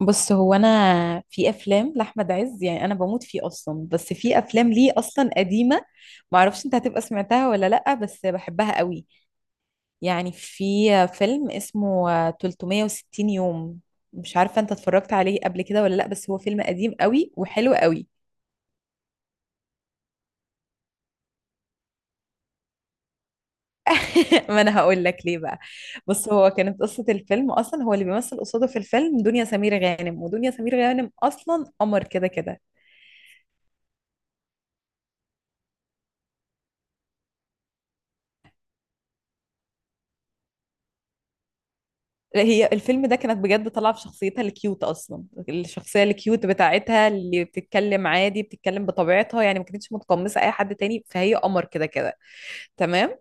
بص، هو انا في افلام لاحمد عز، يعني انا بموت فيه اصلا. بس في افلام ليه اصلا قديمه، ما اعرفش انت هتبقى سمعتها ولا لا، بس بحبها قوي. يعني في فيلم اسمه 360 يوم. مش عارفه انت اتفرجت عليه قبل كده ولا لا، بس هو فيلم قديم قوي وحلو قوي. ما انا هقول لك ليه بقى. بص، هو كانت قصه الفيلم اصلا هو اللي بيمثل قصاده في الفيلم دنيا سمير غانم، ودنيا سمير غانم اصلا قمر كده كده. لا هي الفيلم ده كانت بجد طالعه في شخصيتها الكيوت اصلا. الشخصيه الكيوت بتاعتها اللي بتتكلم عادي، بتتكلم بطبيعتها يعني، ما كانتش متقمصه اي حد تاني، فهي قمر كده كده. تمام.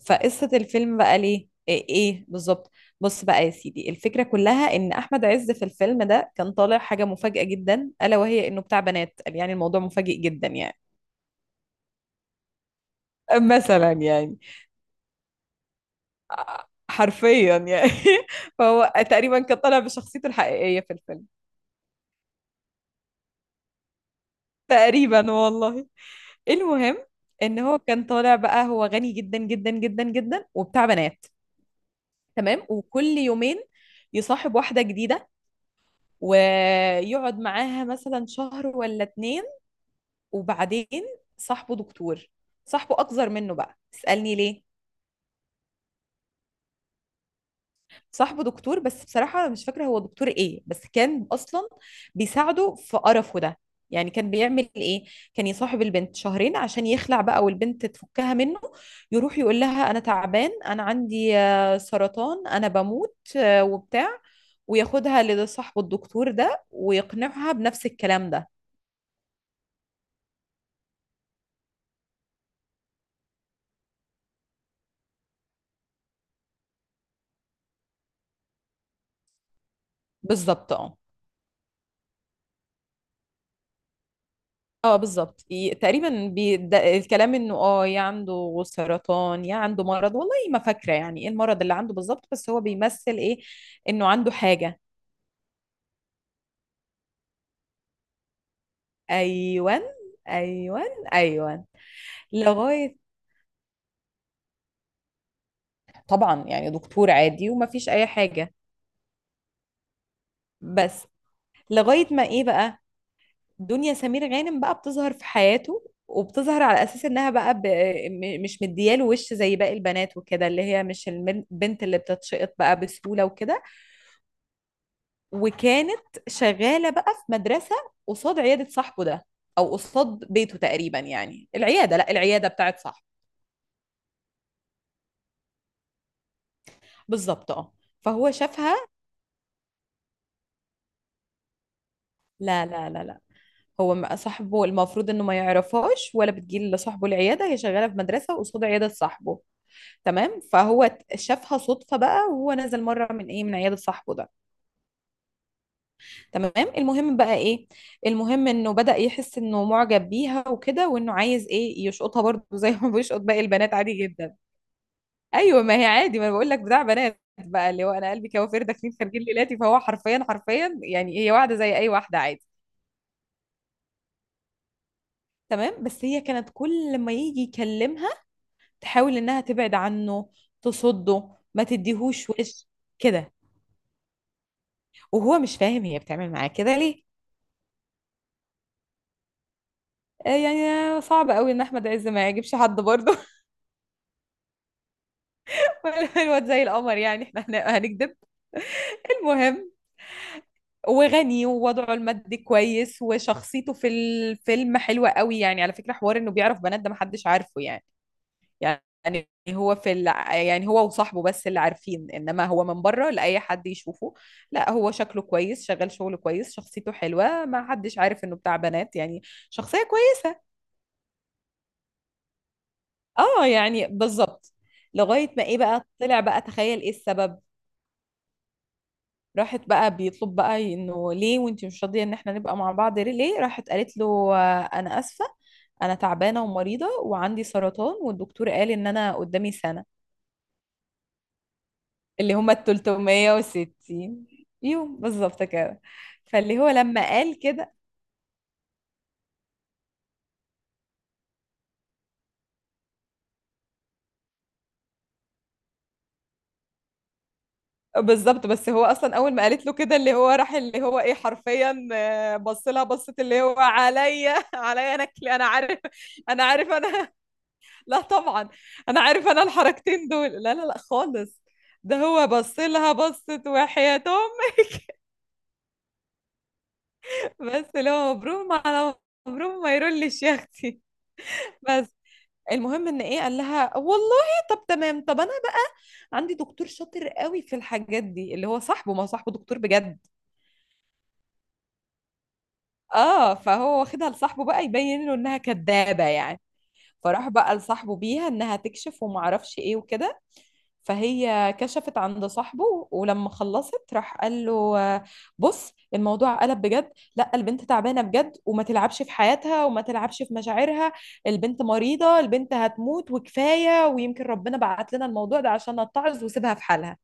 فقصه الفيلم بقى ليه إيه بالظبط؟ بص بقى يا سيدي، الفكره كلها ان احمد عز في الفيلم ده كان طالع حاجه مفاجاه جدا، الا وهي انه بتاع بنات. يعني الموضوع مفاجئ جدا يعني. مثلا يعني. حرفيا يعني. فهو تقريبا كان طالع بشخصيته الحقيقيه في الفيلم. تقريبا والله. المهم ان هو كان طالع بقى، هو غني جدا جدا جدا جدا وبتاع بنات. تمام. وكل يومين يصاحب واحدة جديدة، ويقعد معاها مثلا شهر ولا اتنين. وبعدين، صاحبه دكتور، صاحبه اكبر منه بقى، اسألني ليه. صاحبه دكتور، بس بصراحة مش فاكرة هو دكتور ايه، بس كان اصلا بيساعده في قرفه ده. يعني كان بيعمل ايه؟ كان يصاحب البنت شهرين عشان يخلع بقى، والبنت تفكها منه. يروح يقول لها انا تعبان، انا عندي سرطان، انا بموت وبتاع. وياخدها لصاحبه الدكتور ده، ويقنعها بنفس الكلام ده. بالظبط اه. اه بالظبط، تقريبا الكلام انه يا عنده سرطان يا عنده مرض، والله ما فاكره يعني ايه المرض اللي عنده بالظبط، بس هو بيمثل ايه. انه عنده حاجه. ايوان، ايوان، ايوان. لغايه. طبعا يعني دكتور عادي وما فيش اي حاجه. بس لغايه ما ايه بقى، دنيا سمير غانم بقى بتظهر في حياته، وبتظهر على اساس انها بقى مش مدياله وش زي باقي البنات وكده، اللي هي مش البنت اللي بتتشقط بقى بسهوله وكده. وكانت شغالة بقى في مدرسة قصاد عيادة صاحبه ده، أو قصاد بيته تقريبا. يعني العيادة لا العيادة بتاعت صاحبه. بالظبط اه. فهو شافها. لا لا لا لا، هو صاحبه المفروض انه ما يعرفهاش، ولا بتجي لصاحبه العياده، هي شغاله في مدرسه قصاد عياده صاحبه. تمام. فهو شافها صدفه بقى، وهو نزل مره من ايه، من عياده صاحبه ده. تمام. المهم بقى ايه؟ المهم انه بدأ يحس انه معجب بيها وكده، وانه عايز ايه، يشقطها برضه زي ما بيشقط باقي البنات عادي جدا. ايوه، ما هي عادي، ما انا بقول لك بتاع بنات بقى، اللي هو انا قلبي كوافير داخلين خارجين ليلاتي. فهو حرفيا حرفيا يعني هي واحده زي اي واحده عادي. تمام. بس هي كانت كل ما يجي يكلمها تحاول انها تبعد عنه، تصده، ما تديهوش وش كده. وهو مش فاهم هي بتعمل معاه كده ليه. يعني صعب قوي ان احمد عز ما يعجبش حد برضه. ولا الواد زي القمر، يعني احنا هنكذب. المهم وغني ووضعه المادي كويس، وشخصيته في الفيلم حلوة قوي. يعني على فكرة حوار انه بيعرف بنات ده محدش عارفه يعني. يعني هو في ال... يعني هو وصاحبه بس اللي عارفين، انما هو من بره لأي حد يشوفه، لا هو شكله كويس، شغال شغله كويس، شخصيته حلوة، ما حدش عارف انه بتاع بنات يعني. شخصية كويسة. اه يعني بالظبط. لغاية ما ايه بقى، طلع بقى، تخيل ايه السبب. راحت بقى، بيطلب بقى انه ليه وانتي مش راضيه ان احنا نبقى مع بعض ليه ليه؟ راحت قالت له انا اسفه. انا تعبانه ومريضه، وعندي سرطان، والدكتور قال ان انا قدامي سنه. اللي هما ال 360 يوم بالظبط كده. فاللي هو لما قال كده بالظبط. بس هو اصلا اول ما قالت له كده اللي هو راح، اللي هو ايه، حرفيا بص لها بصت اللي هو عليا، عليا، انا انا عارف. انا عارف انا. لا طبعا انا عارف انا الحركتين دول. لا لا لا خالص. ده هو بص لها بصت وحياة امي. بس لو مبروم على مبروم، ما يرولش يا اختي. بس المهم ان ايه، قال لها والله طب تمام، طب انا بقى عندي دكتور شاطر قوي في الحاجات دي، اللي هو صاحبه، ما صاحبه دكتور بجد. اه فهو واخدها لصاحبه بقى يبين له انها كدابة يعني. فراح بقى لصاحبه بيها انها تكشف وما اعرفش ايه وكده. فهي كشفت عند صاحبه، ولما خلصت راح قال له، بص الموضوع قلب بجد، لا البنت تعبانة بجد، وما تلعبش في حياتها وما تلعبش في مشاعرها. البنت مريضة، البنت هتموت وكفاية، ويمكن ربنا بعت لنا الموضوع ده عشان نتعظ، وسيبها في حالها.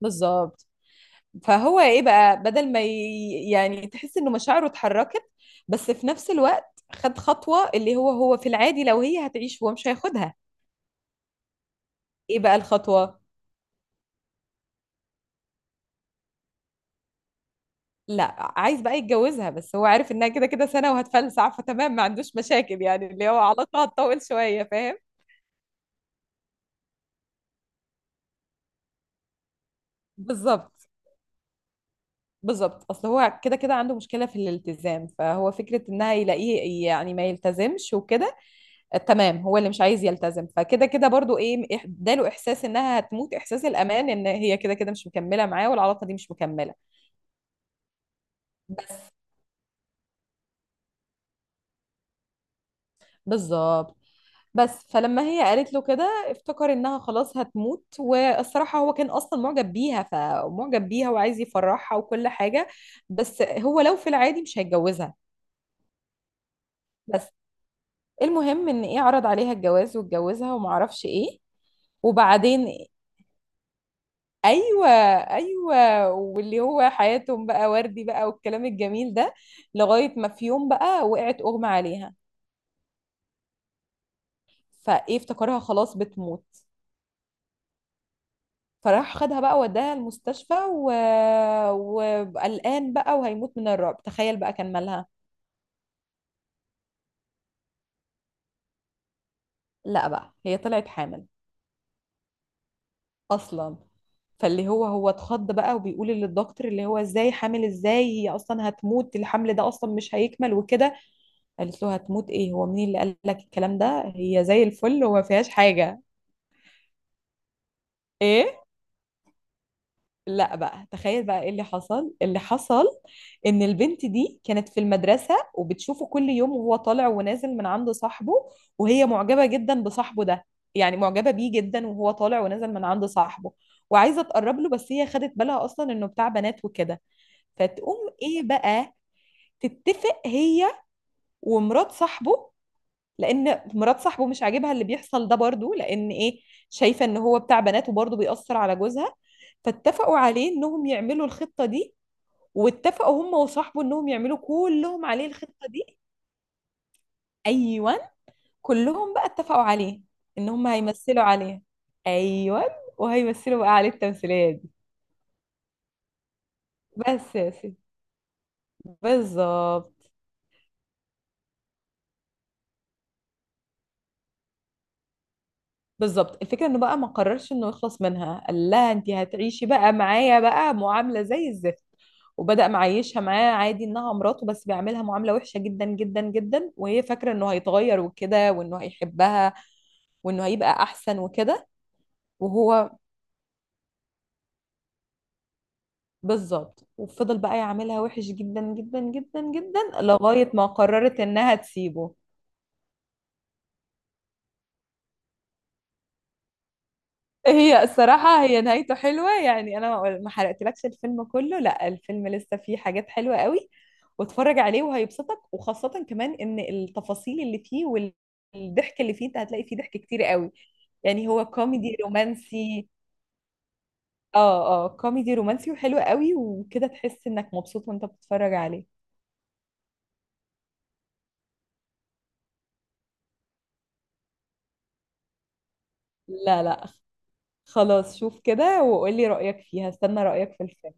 بالظبط. فهو ايه بقى، بدل ما يعني تحس انه مشاعره اتحركت. بس في نفس الوقت خد خطوة، اللي هو، هو في العادي لو هي هتعيش هو مش هياخدها. ايه بقى الخطوة. لا، عايز بقى يتجوزها، بس هو عارف انها كده كده سنة وهتفلسع، فتمام ما عندوش مشاكل، يعني اللي هو علاقة هتطول شوية، فاهم. بالظبط، بالظبط. اصل هو كده كده عنده مشكلة في الالتزام، فهو فكرة انها يلاقيه يعني ما يلتزمش وكده. تمام هو اللي مش عايز يلتزم، فكده كده برضو ايه، اداله احساس انها هتموت، احساس الامان ان هي كده كده مش مكملة معاه والعلاقة دي مش مكملة. بس. بالظبط. بس فلما هي قالت له كده افتكر انها خلاص هتموت، والصراحة هو كان اصلا معجب بيها وعايز يفرحها وكل حاجة. بس هو لو في العادي مش هيتجوزها. بس. المهم ان ايه، عرض عليها الجواز واتجوزها ومعرفش ايه. وبعدين. ايوه، ايوه. واللي هو حياتهم بقى وردي بقى والكلام الجميل ده. لغاية ما في يوم بقى وقعت، اغمى عليها. فايه افتكرها خلاص بتموت. فراح خدها بقى وداها المستشفى وقلقان بقى، وهيموت من الرعب. تخيل بقى كان مالها. لا بقى، هي طلعت حامل اصلا. فاللي هو، هو اتخض بقى وبيقول للدكتور اللي هو ازاي حامل، ازاي هي اصلا هتموت، الحمل ده اصلا مش هيكمل وكده. قالت له، هتموت ايه، هو مين اللي قال لك الكلام ده، هي زي الفل وما فيهاش حاجة. ايه، لا بقى تخيل بقى ايه اللي حصل اللي حصل. ان البنت دي كانت في المدرسة وبتشوفه كل يوم وهو طالع ونازل من عند صاحبه. وهي معجبة جدا بصاحبه ده. يعني معجبة بيه جدا، وهو طالع ونازل من عند صاحبه. وعايزة تقرب له، بس هي خدت بالها اصلا انه بتاع بنات وكده. فتقوم ايه بقى تتفق هي ومرات صاحبه. لان مرات صاحبه مش عاجبها اللي بيحصل ده برضو، لان ايه، شايفه ان هو بتاع بنات وبرضو بيأثر على جوزها. فاتفقوا عليه انهم يعملوا الخطه دي. واتفقوا هم وصاحبه انهم يعملوا كلهم عليه الخطه دي. ايوه، كلهم بقى اتفقوا عليه ان هم هيمثلوا عليه. ايوه، وهيمثلوا بقى عليه التمثيليه دي. بس يا سيدي. بالظبط، بالظبط. الفكرة انه بقى ما قررش انه يخلص منها، قال لها انت هتعيشي بقى معايا بقى معاملة زي الزفت. وبدأ معيشها معاه عادي انها مراته، بس بيعملها معاملة وحشة جدا جدا جدا، وهي فاكرة انه هيتغير وكده، وانه هيحبها، وانه هيبقى احسن وكده. وهو بالظبط. وفضل بقى يعاملها وحش جدا جدا جدا جدا، لغاية ما قررت انها تسيبه. هي الصراحة هي نهايته حلوة، يعني أنا ما حرقتلكش الفيلم كله، لا الفيلم لسه فيه حاجات حلوة قوي. واتفرج عليه وهيبسطك، وخاصة كمان إن التفاصيل اللي فيه والضحك اللي فيه أنت هتلاقي فيه ضحك كتير قوي. يعني هو كوميدي رومانسي. اه، اه. كوميدي رومانسي وحلو قوي وكده تحس إنك مبسوط وأنت بتتفرج عليه. لا، لا. خلاص شوف كده وقولي رأيك فيها، استنى رأيك في الفيلم.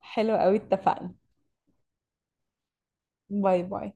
حلو قوي، اتفقنا. باي، باي.